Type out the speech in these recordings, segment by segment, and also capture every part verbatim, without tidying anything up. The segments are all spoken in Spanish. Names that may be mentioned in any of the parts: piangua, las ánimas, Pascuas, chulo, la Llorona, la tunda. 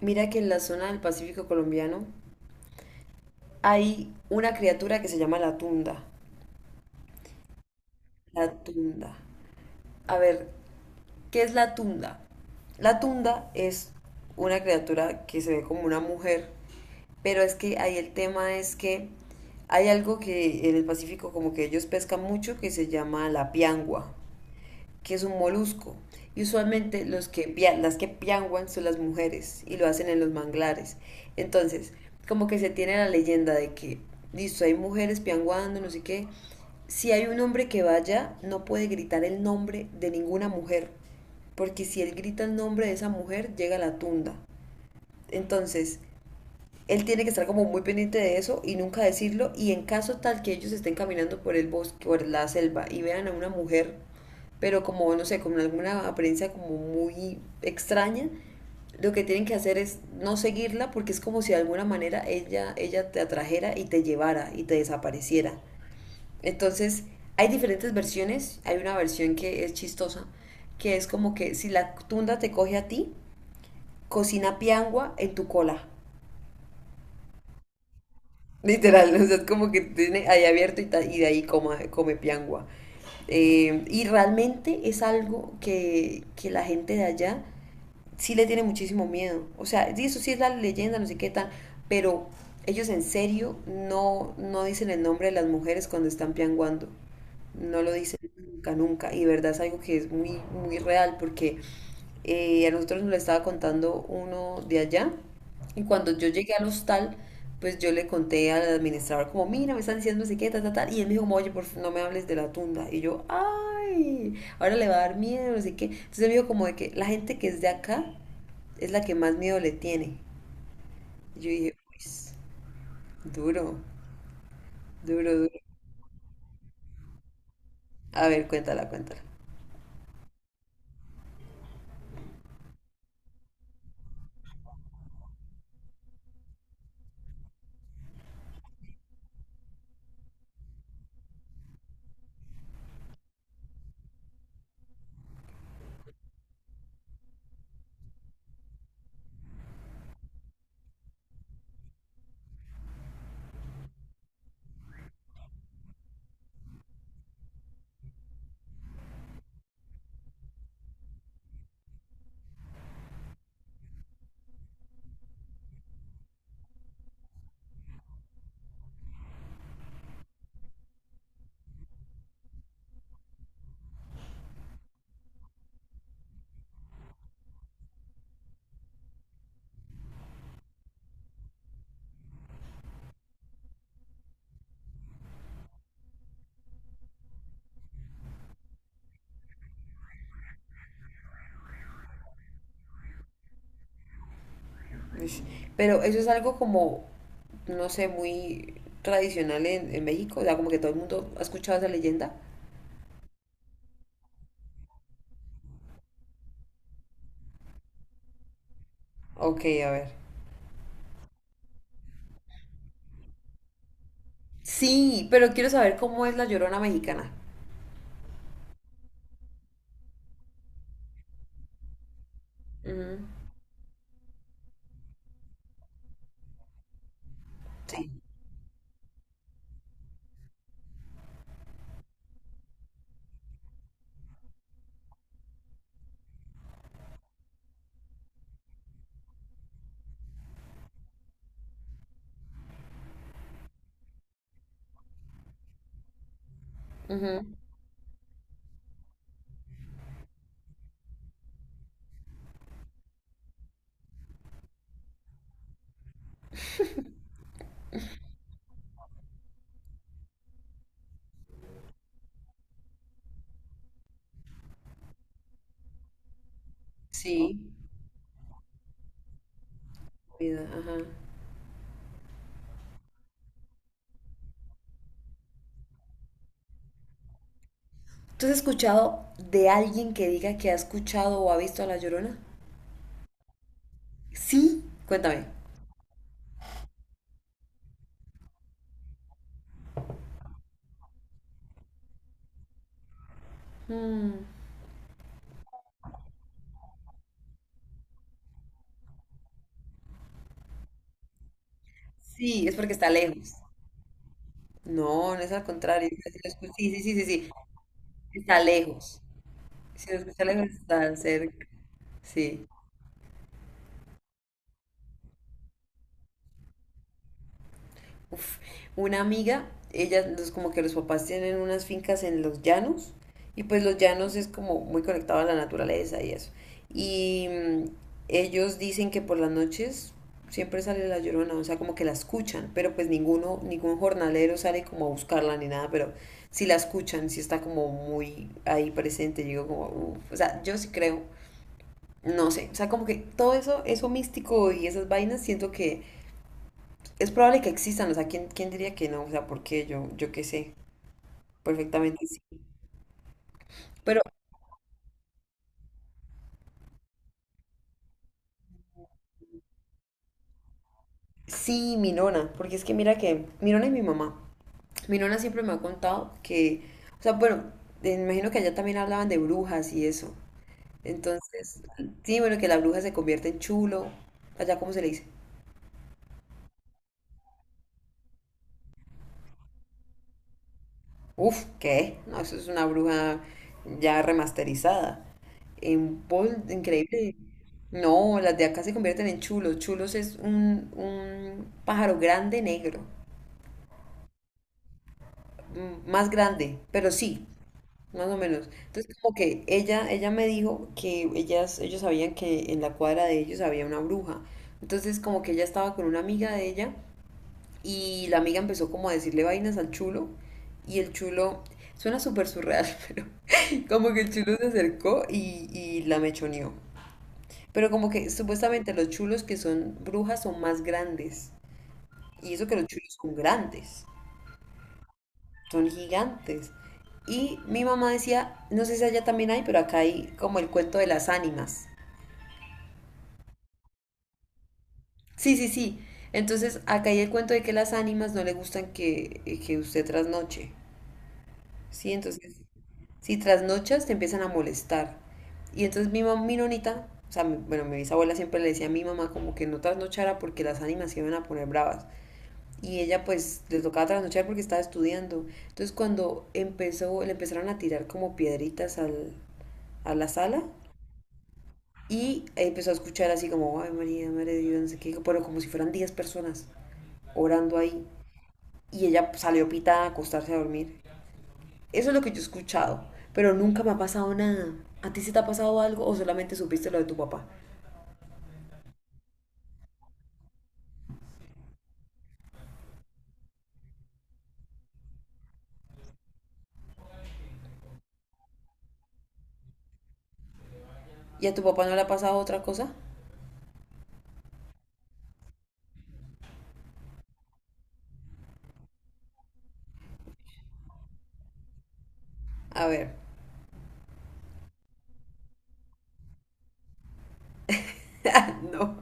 Mira que en la zona del Pacífico colombiano hay una criatura que se llama la tunda. La tunda. A ver, ¿qué es la tunda? La tunda es una criatura que se ve como una mujer, pero es que ahí el tema es que hay algo que en el Pacífico como que ellos pescan mucho que se llama la piangua, que es un molusco. Y usualmente los que, las que pianguan son las mujeres y lo hacen en los manglares. Entonces, como que se tiene la leyenda de que, listo, hay mujeres pianguando, no sé qué. Si hay un hombre que vaya, no puede gritar el nombre de ninguna mujer, porque si él grita el nombre de esa mujer, llega a la tunda. Entonces, él tiene que estar como muy pendiente de eso y nunca decirlo. Y en caso tal que ellos estén caminando por el bosque, por la selva y vean a una mujer, pero como, no sé, con alguna apariencia como muy extraña, lo que tienen que hacer es no seguirla porque es como si de alguna manera ella, ella te atrajera y te llevara y te desapareciera. Entonces, hay diferentes versiones. Hay una versión que es chistosa, que es como que si la tunda te coge a ti, cocina piangua en tu cola. Literal, o sea, es como que tiene ahí abierto y, ta- y de ahí coma- come piangua. Eh, y realmente es algo que, que la gente de allá sí le tiene muchísimo miedo. O sea, sí, eso sí es la leyenda, no sé qué tal, pero ellos en serio no, no dicen el nombre de las mujeres cuando están pianguando. No lo dicen nunca, nunca. Y de verdad es algo que es muy, muy real porque eh, a nosotros nos lo estaba contando uno de allá y cuando yo llegué al hostal, pues yo le conté al administrador como, mira, me están diciendo no sé qué, tal, tal, tal. Y él me dijo, como, oye, por favor, no me hables de la tunda. Y yo, ay, ahora le va a dar miedo, no sé qué. Entonces él me dijo como de que la gente que es de acá es la que más miedo le tiene. Y yo dije, pues, duro, duro, duro. A ver, cuéntala, cuéntala. Ush. Pero eso es algo como, no sé, muy tradicional en, en México. O sea, como que todo el mundo ha escuchado esa leyenda. Ok, a ver. Sí, pero quiero saber cómo es la Llorona mexicana. Ujú. Sí. Ujú. Sí. Cuida, ajá. ¿Tú has escuchado de alguien que diga que ha escuchado o ha visto a la Llorona? Sí. Cuéntame. Mm. Sí, es porque está lejos. No, no es al contrario. Es que si lo escu- Sí, sí, sí, sí, sí. Está lejos. Si lo escucha lejos, está cerca. Sí. Uf, una amiga, ella los, como que los papás tienen unas fincas en los llanos y pues los llanos es como muy conectado a la naturaleza y eso. Y mm, ellos dicen que por las noches siempre sale la llorona, o sea, como que la escuchan, pero pues ninguno, ningún jornalero sale como a buscarla ni nada, pero si la escuchan, si está como muy ahí presente, yo digo como, uf, o sea, yo sí creo, no sé, o sea, como que todo eso, eso místico y esas vainas, siento que es probable que existan, o sea, ¿quién, quién diría que no? O sea, ¿por qué? Yo, yo qué sé, perfectamente sí. Pero sí, mi nona, porque es que mira que, mi nona y mi mamá, mi nona siempre me ha contado que, o sea, bueno, eh, me imagino que allá también hablaban de brujas y eso. Entonces, sí, bueno, que la bruja se convierte en chulo, allá cómo se le dice. Uf, ¿qué? No, eso es una bruja ya remasterizada. En Paul, increíble. No, las de acá se convierten en chulos. Chulos es un, un pájaro grande negro, mm, más grande, pero sí, más o menos. Entonces, como que ella, ella me dijo que ellas, ellos sabían que en la cuadra de ellos había una bruja. Entonces, como que ella estaba con una amiga de ella y la amiga empezó como a decirle vainas al chulo y el chulo, suena súper surreal, pero como que el chulo se acercó y, y la mechoneó. Pero como que supuestamente los chulos que son brujas son más grandes. Y eso que los chulos son grandes, son gigantes. Y mi mamá decía, no sé si allá también hay, pero acá hay como el cuento de las ánimas. Sí, sí, sí. Entonces acá hay el cuento de que las ánimas no le gustan que, que usted trasnoche. Sí, entonces si trasnochas, te empiezan a molestar. Y entonces mi mamá, mi nonita, o sea, mi- bueno, mi bisabuela siempre le decía a mi mamá como que no trasnochara porque las ánimas se iban a poner bravas. Y ella pues le tocaba trasnochar porque estaba estudiando. Entonces cuando empezó, le empezaron a tirar como piedritas al, a la sala y empezó a escuchar así como, ay María, Madre de Dios, no sé qué, pero como si fueran diez personas orando ahí. Y ella pues, salió pitada a acostarse a dormir. Eso es lo que yo he escuchado, pero nunca me ha pasado nada. ¿A ti se te ha pasado algo o solamente supiste lo de tu papá? ¿Y a tu papá no le ha pasado otra cosa? A ver, no.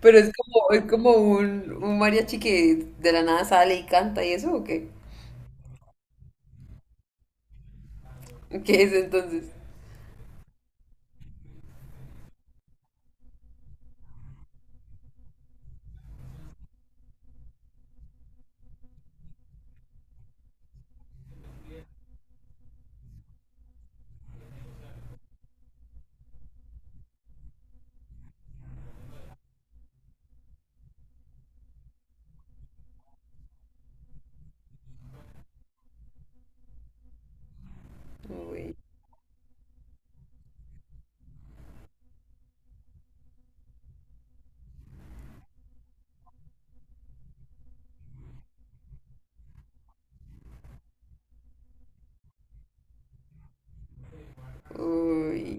Pero es como, es como un, un mariachi que de la nada sale y canta y eso, ¿o qué? ¿Qué es entonces? Uy, uy.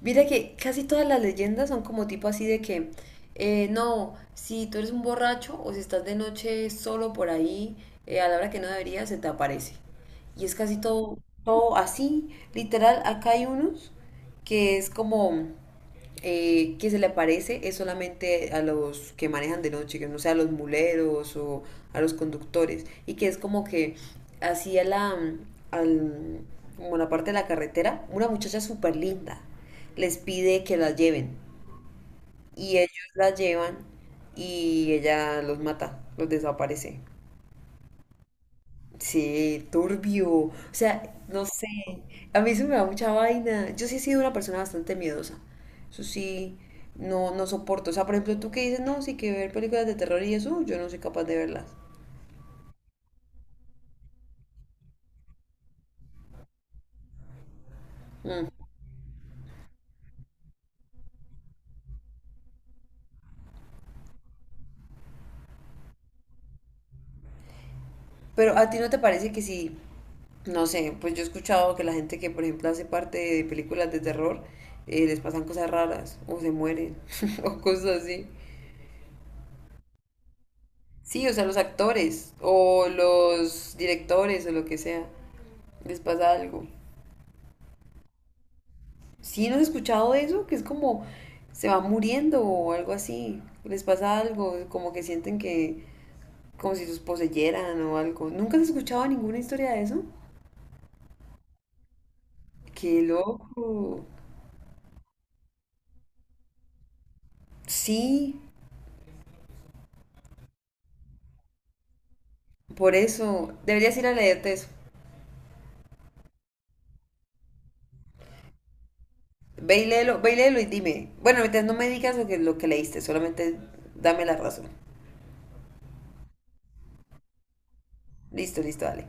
Mira que casi todas las leyendas son como tipo así de que, eh, no, si tú eres un borracho o si estás de noche solo por ahí, eh, a la hora que no deberías, se te aparece. Y es casi todo, todo así, literal, acá hay unos que es como eh, que se le aparece es solamente a los que manejan de noche, que no sea a los muleros o a los conductores, y que es como que hacía la, al, como la parte de la carretera, una muchacha súper linda les pide que la lleven, y ellos la llevan y ella los mata, los desaparece. Sí, turbio. O sea, no sé. A mí se me da mucha vaina. Yo sí he sido una persona bastante miedosa. Eso sí, no, no soporto. O sea, por ejemplo, tú que dices, no, sí que ver películas de terror y eso, uh, yo no soy capaz de verlas. Pero a ti no te parece que sí, no sé, pues yo he escuchado que la gente que, por ejemplo, hace parte de películas de terror, eh, les pasan cosas raras, o se mueren, o cosas así. Sí, o sea, los actores, o los directores, o lo que sea, les pasa algo. ¿Sí no has escuchado eso? Que es como se va muriendo o algo así. Les pasa algo, como que sienten que, como si los poseyeran o algo. ¿Nunca has escuchado ninguna historia de eso? Qué loco. Sí, por eso. Deberías ir a leerte eso. Ve y léelo, ve y léelo y dime. Bueno, ahorita no me digas lo que, lo que leíste, solamente dame la razón. Listo, listo, dale.